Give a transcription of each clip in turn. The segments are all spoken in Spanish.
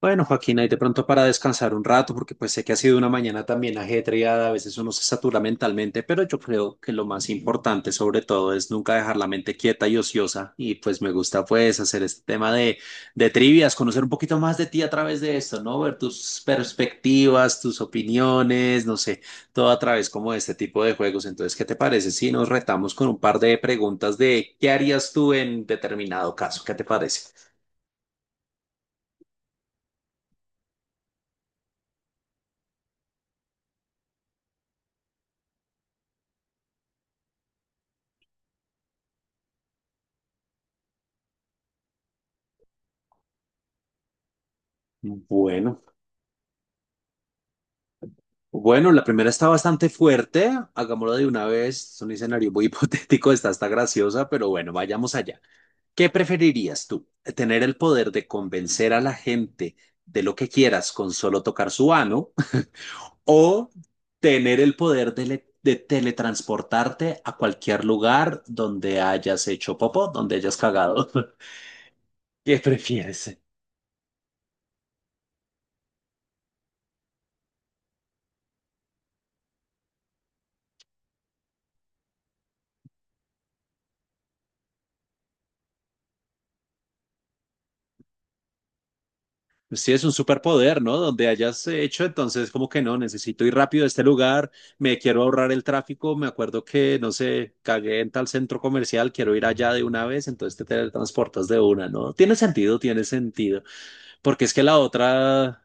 Bueno, Joaquín ahí de pronto para descansar un rato, porque pues sé que ha sido una mañana también ajetreada, a veces uno se satura mentalmente, pero yo creo que lo más importante sobre todo es nunca dejar la mente quieta y ociosa, y pues me gusta pues hacer este tema de trivias, conocer un poquito más de ti a través de esto, ¿no? Ver tus perspectivas, tus opiniones, no sé, todo a través como de este tipo de juegos. Entonces, ¿qué te parece si nos retamos con un par de preguntas de qué harías tú en determinado caso? ¿Qué te parece? Bueno. Bueno, la primera está bastante fuerte, hagámoslo de una vez, es un escenario muy hipotético, está hasta graciosa, pero bueno, vayamos allá. ¿Qué preferirías tú? ¿Tener el poder de convencer a la gente de lo que quieras con solo tocar su ano o tener el poder de, de teletransportarte a cualquier lugar donde hayas hecho popó, donde hayas cagado? ¿Qué prefieres? Pues sí, es un superpoder, ¿no? Donde hayas hecho, entonces como que no, necesito ir rápido a este lugar, me quiero ahorrar el tráfico, me acuerdo que, no sé, cagué en tal centro comercial, quiero ir allá de una vez, entonces te teletransportas de una, ¿no? Tiene sentido, porque es que la otra,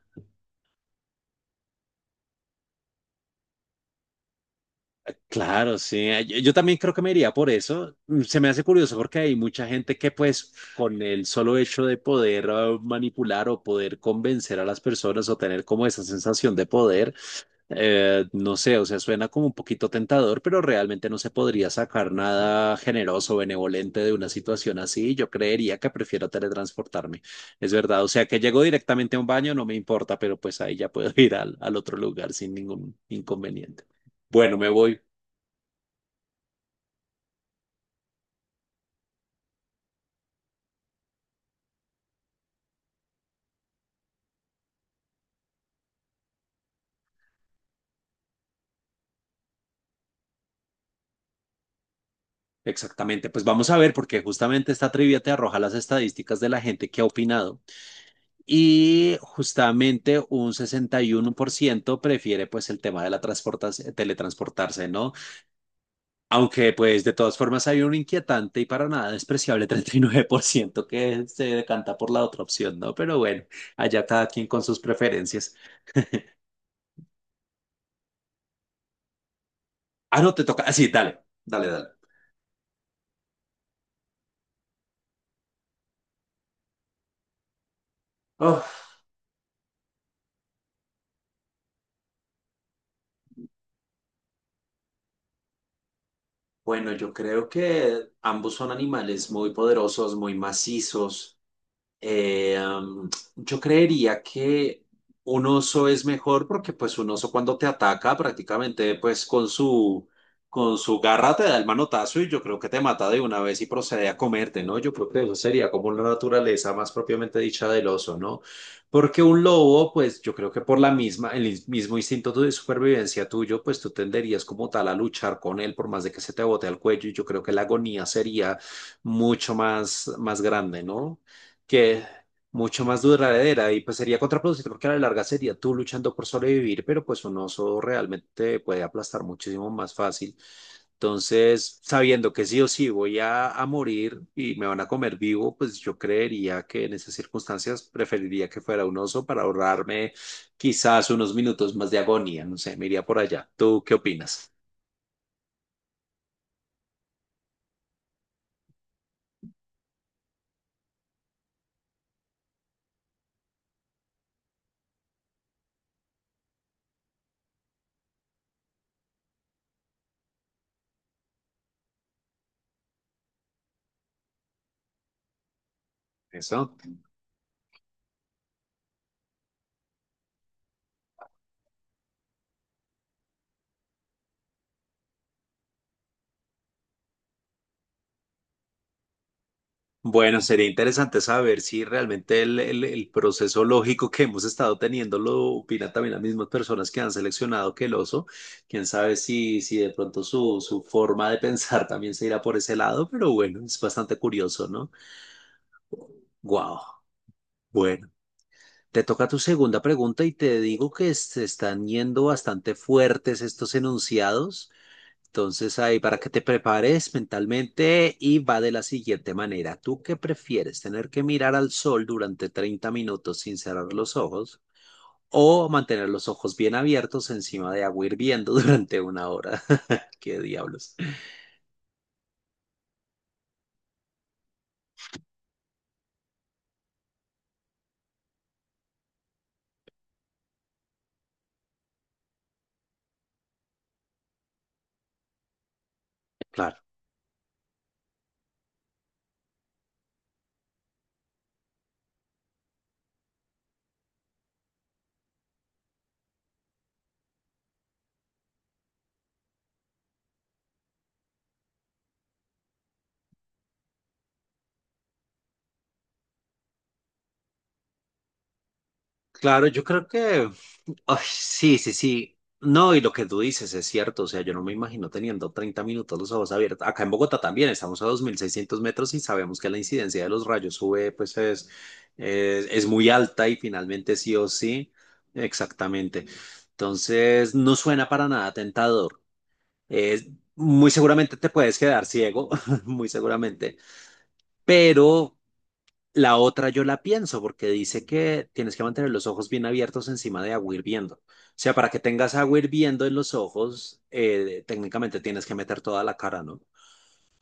claro, sí, yo también creo que me iría por eso. Se me hace curioso porque hay mucha gente que pues con el solo hecho de poder manipular o poder convencer a las personas o tener como esa sensación de poder, no sé, o sea, suena como un poquito tentador, pero realmente no se podría sacar nada generoso o benevolente de una situación así. Yo creería que prefiero teletransportarme. Es verdad, o sea, que llego directamente a un baño, no me importa, pero pues ahí ya puedo ir al otro lugar sin ningún inconveniente. Bueno, me voy. Exactamente, pues vamos a ver, porque justamente esta trivia te arroja las estadísticas de la gente que ha opinado y justamente un 61% prefiere pues el tema de la teletransportarse, ¿no? Aunque, pues, de todas formas hay un inquietante y para nada despreciable 39% que se decanta por la otra opción, ¿no? Pero bueno, allá cada quien con sus preferencias. Ah, no, te toca. Ah, sí, dale, dale, dale. Oh, bueno, yo creo que ambos son animales muy poderosos, muy macizos. Eh, am, yo creería que un oso es mejor porque pues un oso cuando te ataca prácticamente pues con su garra te da el manotazo y yo creo que te mata de una vez y procede a comerte, ¿no? Yo creo que eso sería como la naturaleza más propiamente dicha del oso, ¿no? Porque un lobo pues yo creo que por la misma, mismo instinto de supervivencia tuyo pues tú tenderías como tal a luchar con él por más de que se te bote al cuello y yo creo que la agonía sería mucho más grande, ¿no? Que es mucho más duradera y pues sería contraproducente porque a la larga sería tú luchando por sobrevivir, pero pues un oso realmente puede aplastar muchísimo más fácil. Entonces, sabiendo que sí o sí voy a morir y me van a comer vivo, pues yo creería que en esas circunstancias preferiría que fuera un oso para ahorrarme quizás unos minutos más de agonía. No sé, me iría por allá. ¿Tú qué opinas? Eso. Bueno, sería interesante saber si realmente el proceso lógico que hemos estado teniendo lo opinan también las mismas personas que han seleccionado que el oso. Quién sabe si, si de pronto su forma de pensar también se irá por ese lado, pero bueno, es bastante curioso, ¿no? Wow. Bueno, te toca tu segunda pregunta y te digo que se están yendo bastante fuertes estos enunciados. Entonces ahí para que te prepares mentalmente y va de la siguiente manera. ¿Tú qué prefieres? ¿Tener que mirar al sol durante 30 minutos sin cerrar los ojos o mantener los ojos bien abiertos encima de agua hirviendo durante una hora? ¿Qué diablos? Claro, claro, yo creo que ay, sí, sí, sí. No, y lo que tú dices es cierto. O sea, yo no me imagino teniendo 30 minutos los ojos abiertos. Acá en Bogotá también estamos a 2.600 metros y sabemos que la incidencia de los rayos UV pues es muy alta y finalmente sí o sí. Exactamente. Entonces, no suena para nada tentador. Es, Muy seguramente te puedes quedar ciego, muy seguramente. Pero la otra yo la pienso porque dice que tienes que mantener los ojos bien abiertos encima de agua hirviendo. O sea, para que tengas agua hirviendo en los ojos, técnicamente tienes que meter toda la cara, ¿no?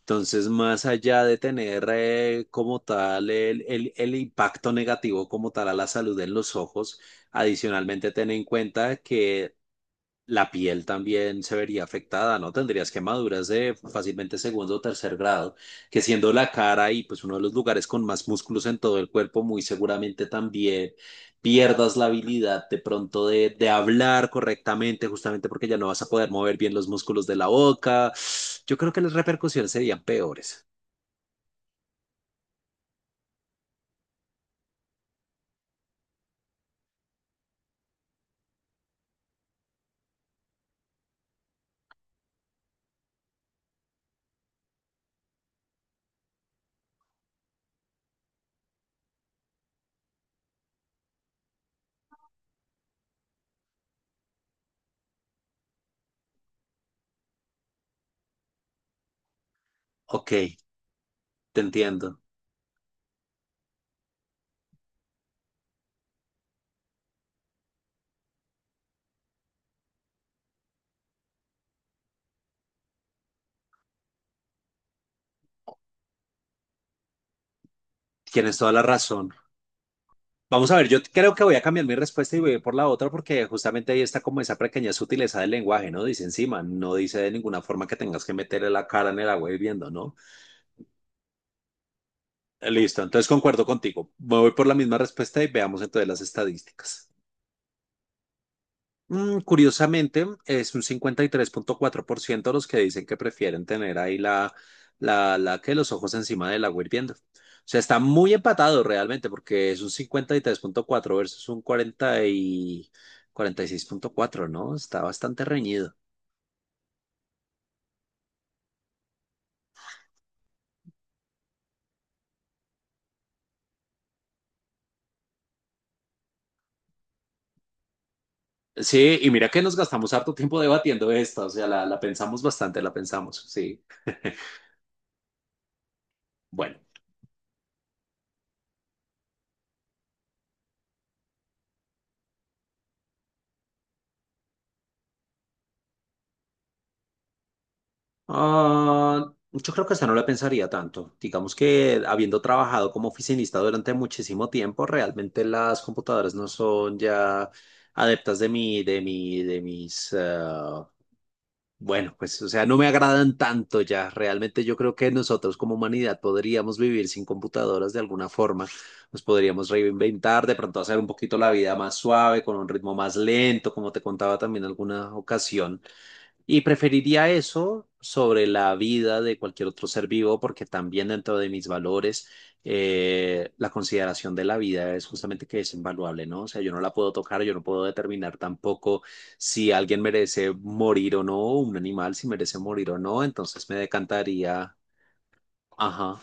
Entonces, más allá de tener como tal el impacto negativo como tal a la salud en los ojos, adicionalmente ten en cuenta que la piel también se vería afectada, ¿no? Tendrías quemaduras de fácilmente segundo o tercer grado, que siendo la cara y pues uno de los lugares con más músculos en todo el cuerpo, muy seguramente también pierdas la habilidad de pronto de hablar correctamente, justamente porque ya no vas a poder mover bien los músculos de la boca. Yo creo que las repercusiones serían peores. Ok, te entiendo. Tienes toda la razón. Vamos a ver, yo creo que voy a cambiar mi respuesta y voy a ir por la otra porque justamente ahí está como esa pequeña sutileza del lenguaje, ¿no? Dice encima, no dice de ninguna forma que tengas que meterle la cara en el agua hirviendo, ¿no? Listo, entonces concuerdo contigo. Me voy por la misma respuesta y veamos entonces las estadísticas. Curiosamente, es un 53,4% los que dicen que prefieren tener ahí la que los ojos encima del agua hirviendo. O sea, está muy empatado realmente porque es un 53,4 versus un 46,4, ¿no? Está bastante reñido. Sí, y mira que nos gastamos harto tiempo debatiendo esta, o sea, la pensamos bastante, la pensamos, sí. Bueno. Ah, yo creo que esa no la pensaría tanto. Digamos que habiendo trabajado como oficinista durante muchísimo tiempo, realmente las computadoras no son ya adeptas de mis, bueno, pues, o sea, no me agradan tanto ya. Realmente yo creo que nosotros como humanidad podríamos vivir sin computadoras de alguna forma. Nos podríamos reinventar, de pronto hacer un poquito la vida más suave, con un ritmo más lento, como te contaba también en alguna ocasión. Y preferiría eso sobre la vida de cualquier otro ser vivo, porque también dentro de mis valores, la consideración de la vida es justamente que es invaluable, ¿no? O sea, yo no la puedo tocar, yo no puedo determinar tampoco si alguien merece morir o no, un animal si merece morir o no, entonces me decantaría. Ajá,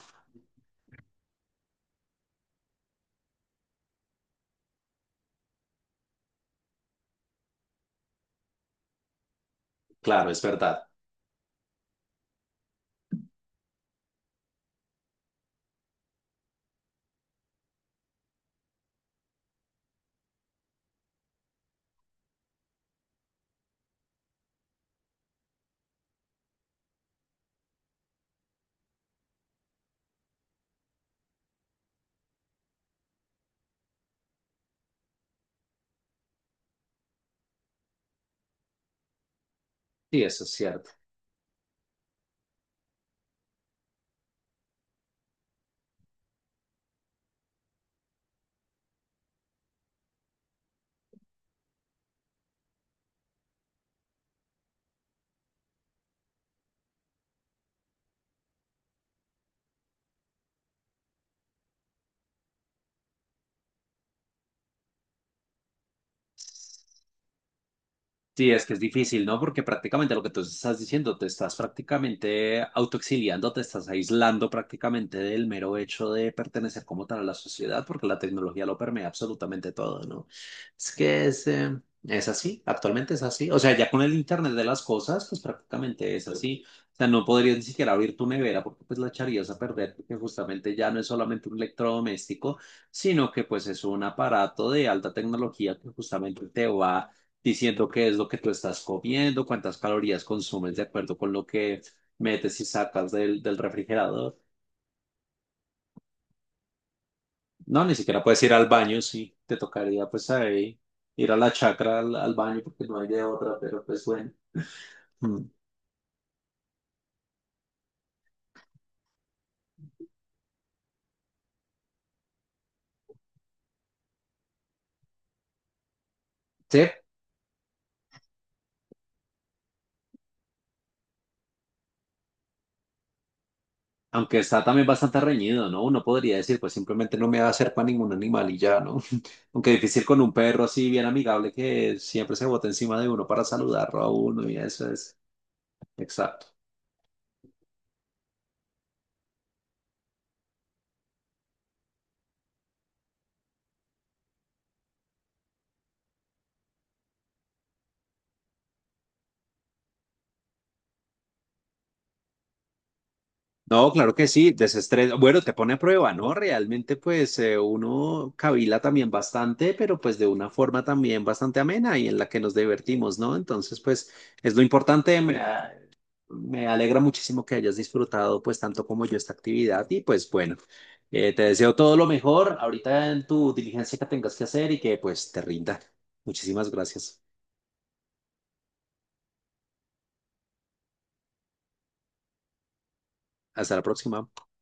claro, es verdad. Sí, eso es cierto. Sí, es que es difícil, ¿no? Porque prácticamente lo que tú estás diciendo, te estás prácticamente autoexiliando, te estás aislando prácticamente del mero hecho de pertenecer como tal a la sociedad, porque la tecnología lo permea absolutamente todo, ¿no? Es que es así, actualmente es así. O sea, ya con el Internet de las cosas, pues prácticamente es así. O sea, no podrías ni siquiera abrir tu nevera porque pues la echarías a perder, porque justamente ya no es solamente un electrodoméstico, sino que pues es un aparato de alta tecnología que justamente te va diciendo qué es lo que tú estás comiendo, cuántas calorías consumes de acuerdo con lo que metes y sacas del refrigerador. No, ni siquiera puedes ir al baño, sí, te tocaría pues ahí ir a la chacra al baño porque no hay de otra, pero pues bueno. Mm. Sí, aunque está también bastante reñido, ¿no? Uno podría decir, pues simplemente no me va a hacer para ningún animal y ya, ¿no? Aunque difícil con un perro así bien amigable que siempre se bota encima de uno para saludarlo a uno y eso es. Exacto. No, claro que sí, desestrés. Bueno, te pone a prueba, ¿no? Realmente, pues uno cavila también bastante, pero pues de una forma también bastante amena y en la que nos divertimos, ¿no? Entonces, pues es lo importante. Me alegra muchísimo que hayas disfrutado, pues tanto como yo, esta actividad. Y pues bueno, te deseo todo lo mejor ahorita en tu diligencia que tengas que hacer y que pues te rinda. Muchísimas gracias. Hasta la próxima.